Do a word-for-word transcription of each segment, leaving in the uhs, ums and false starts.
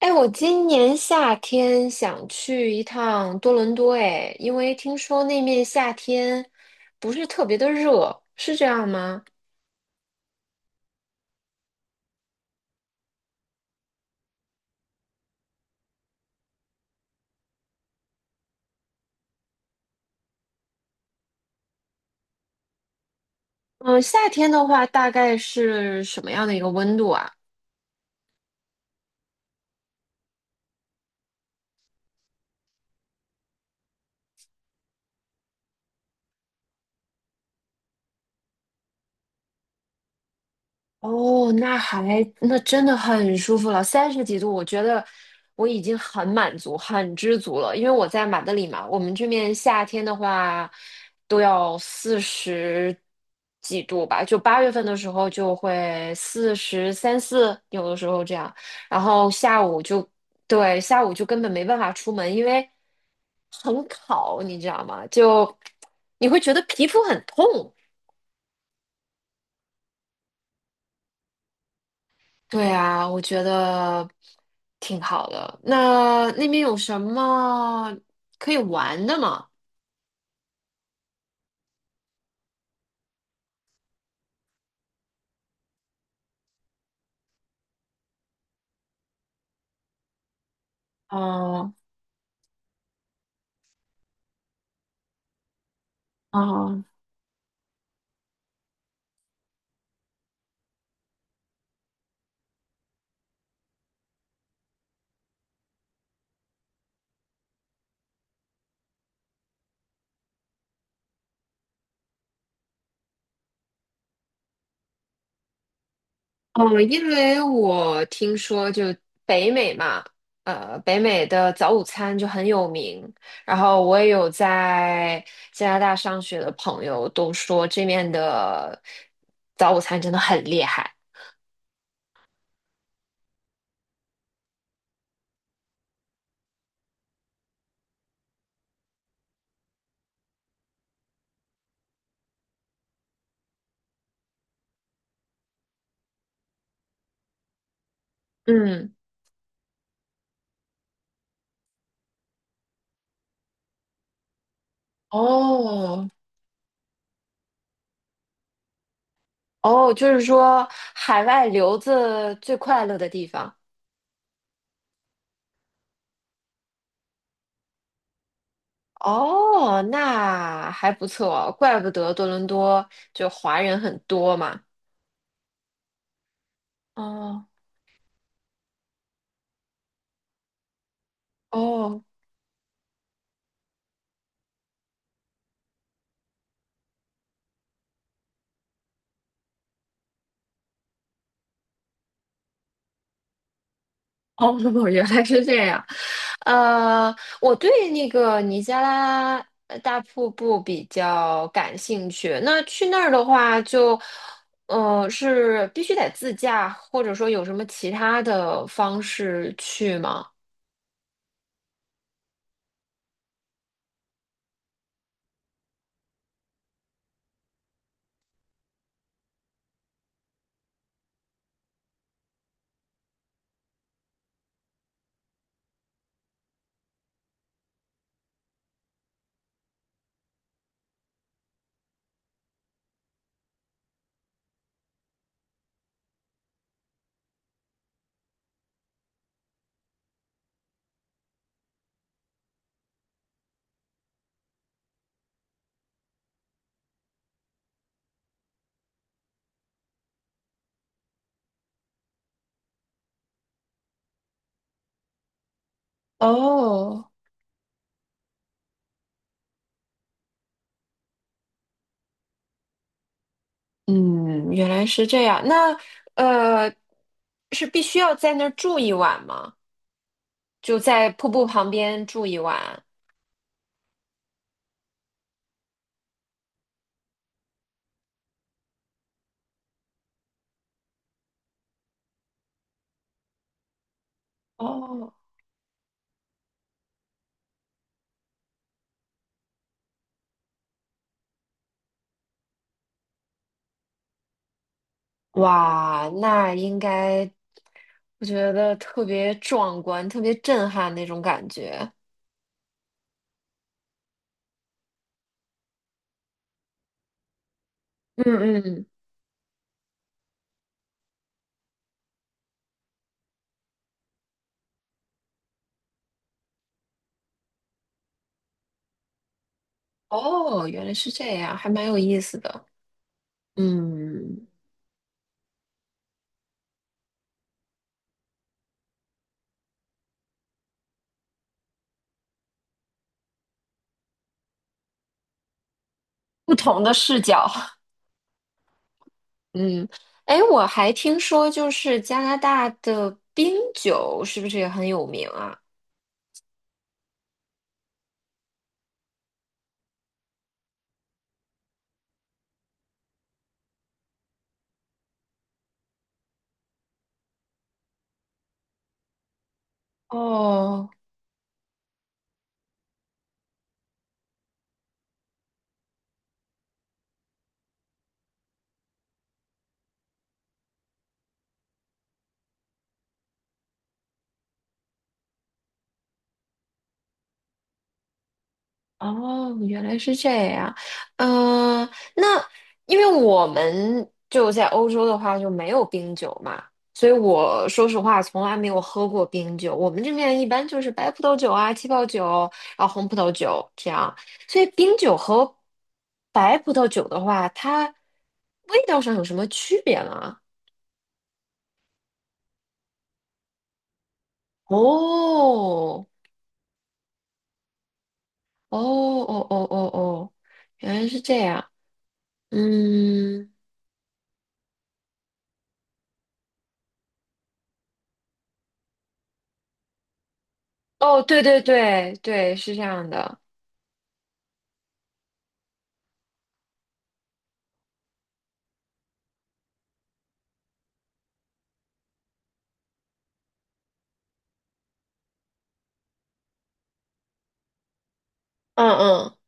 哎，我今年夏天想去一趟多伦多，哎，因为听说那面夏天不是特别的热，是这样吗？嗯，夏天的话大概是什么样的一个温度啊？哦，那还那真的很舒服了，三十几度，我觉得我已经很满足、很知足了。因为我在马德里嘛，我们这边夏天的话都要四十几度吧，就八月份的时候就会四十三四，有的时候这样。然后下午就对，下午就根本没办法出门，因为很烤，你知道吗？就你会觉得皮肤很痛。对啊，我觉得挺好的。那那边有什么可以玩的吗？哦哦哦，因为我听说就北美嘛，呃，北美的早午餐就很有名。然后我也有在加拿大上学的朋友都说这面的早午餐真的很厉害。嗯，哦哦，就是说海外留子最快乐的地方。哦，那还不错，怪不得多伦多就华人很多嘛。哦哦哦，原来是这样。呃，我对那个尼加拉呃大瀑布比较感兴趣。那去那儿的话就，呃，是必须得自驾，或者说有什么其他的方式去吗？哦嗯，原来是这样。那呃，是必须要在那儿住一晚吗？就在瀑布旁边住一晚？哦，哇，那应该，我觉得特别壮观，特别震撼那种感觉。嗯嗯，哦，原来是这样，还蛮有意思的。嗯，不同的视角。嗯，哎，我还听说就是加拿大的冰酒是不是也很有名啊？哦，哦，原来是这样。嗯、那因为我们就在欧洲的话就没有冰酒嘛，所以我说实话从来没有喝过冰酒。我们这边一般就是白葡萄酒啊、气泡酒，然后红葡萄酒这样。所以冰酒和白葡萄酒的话，它味道上有什么区别吗？哦，哦哦哦哦哦，原来是这样。嗯。哦，对对对对，是这样的。嗯嗯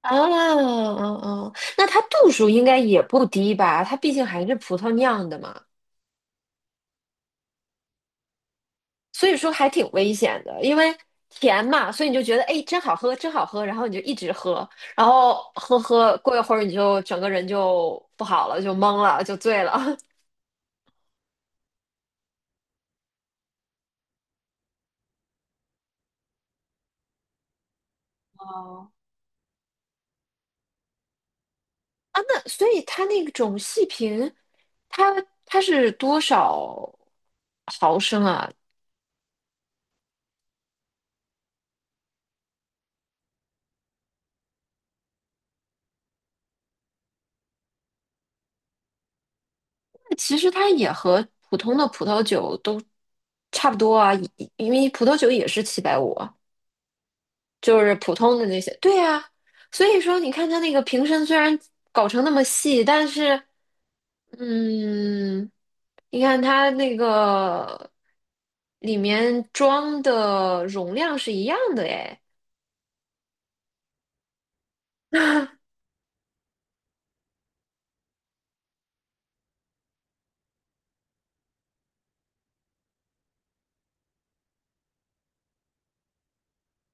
啊，嗯嗯，那它度数应该也不低吧？它毕竟还是葡萄酿的嘛，所以说还挺危险的，因为甜嘛，所以你就觉得哎，真好喝，真好喝，然后你就一直喝，然后喝喝，过一会儿你就整个人就不好了，就懵了，就醉了 哦啊。哦那所以它那种细瓶，它它是多少毫升啊？其实它也和普通的葡萄酒都差不多啊，因因为葡萄酒也是七百五，就是普通的那些。对呀，所以说你看它那个瓶身虽然搞成那么细，但是，嗯，你看它那个里面装的容量是一样的诶。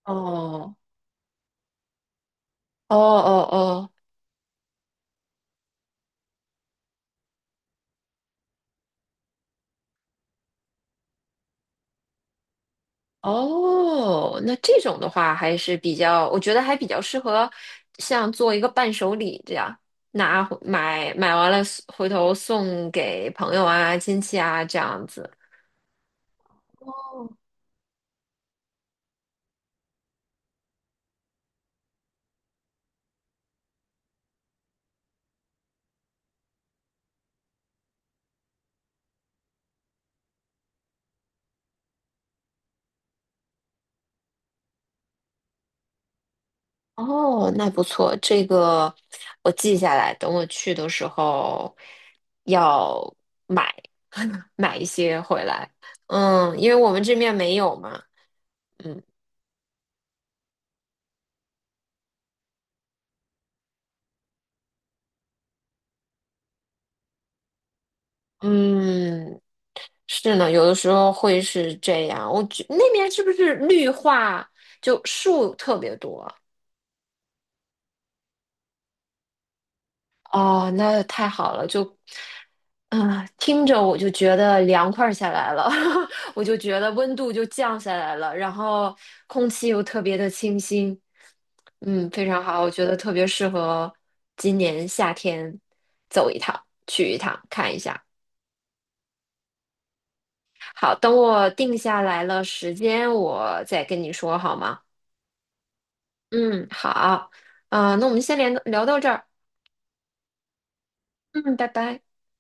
哦哦哦哦，那这种的话还是比较，我觉得还比较适合像做一个伴手礼这样，拿回买买完了送回头送给朋友啊、亲戚啊这样子。哦，那不错，这个我记下来，等我去的时候要买 买一些回来。嗯，因为我们这面没有嘛。嗯嗯，是呢，有的时候会是这样。我觉那边是不是绿化就树特别多？哦，那太好了，就，嗯、听着我就觉得凉快儿下来了，我就觉得温度就降下来了，然后空气又特别的清新，嗯，非常好，我觉得特别适合今年夏天走一趟，去一趟看一下。好，等我定下来了时间，我再跟你说好吗？嗯，好，啊、那我们先连聊到这儿，嗯，拜拜。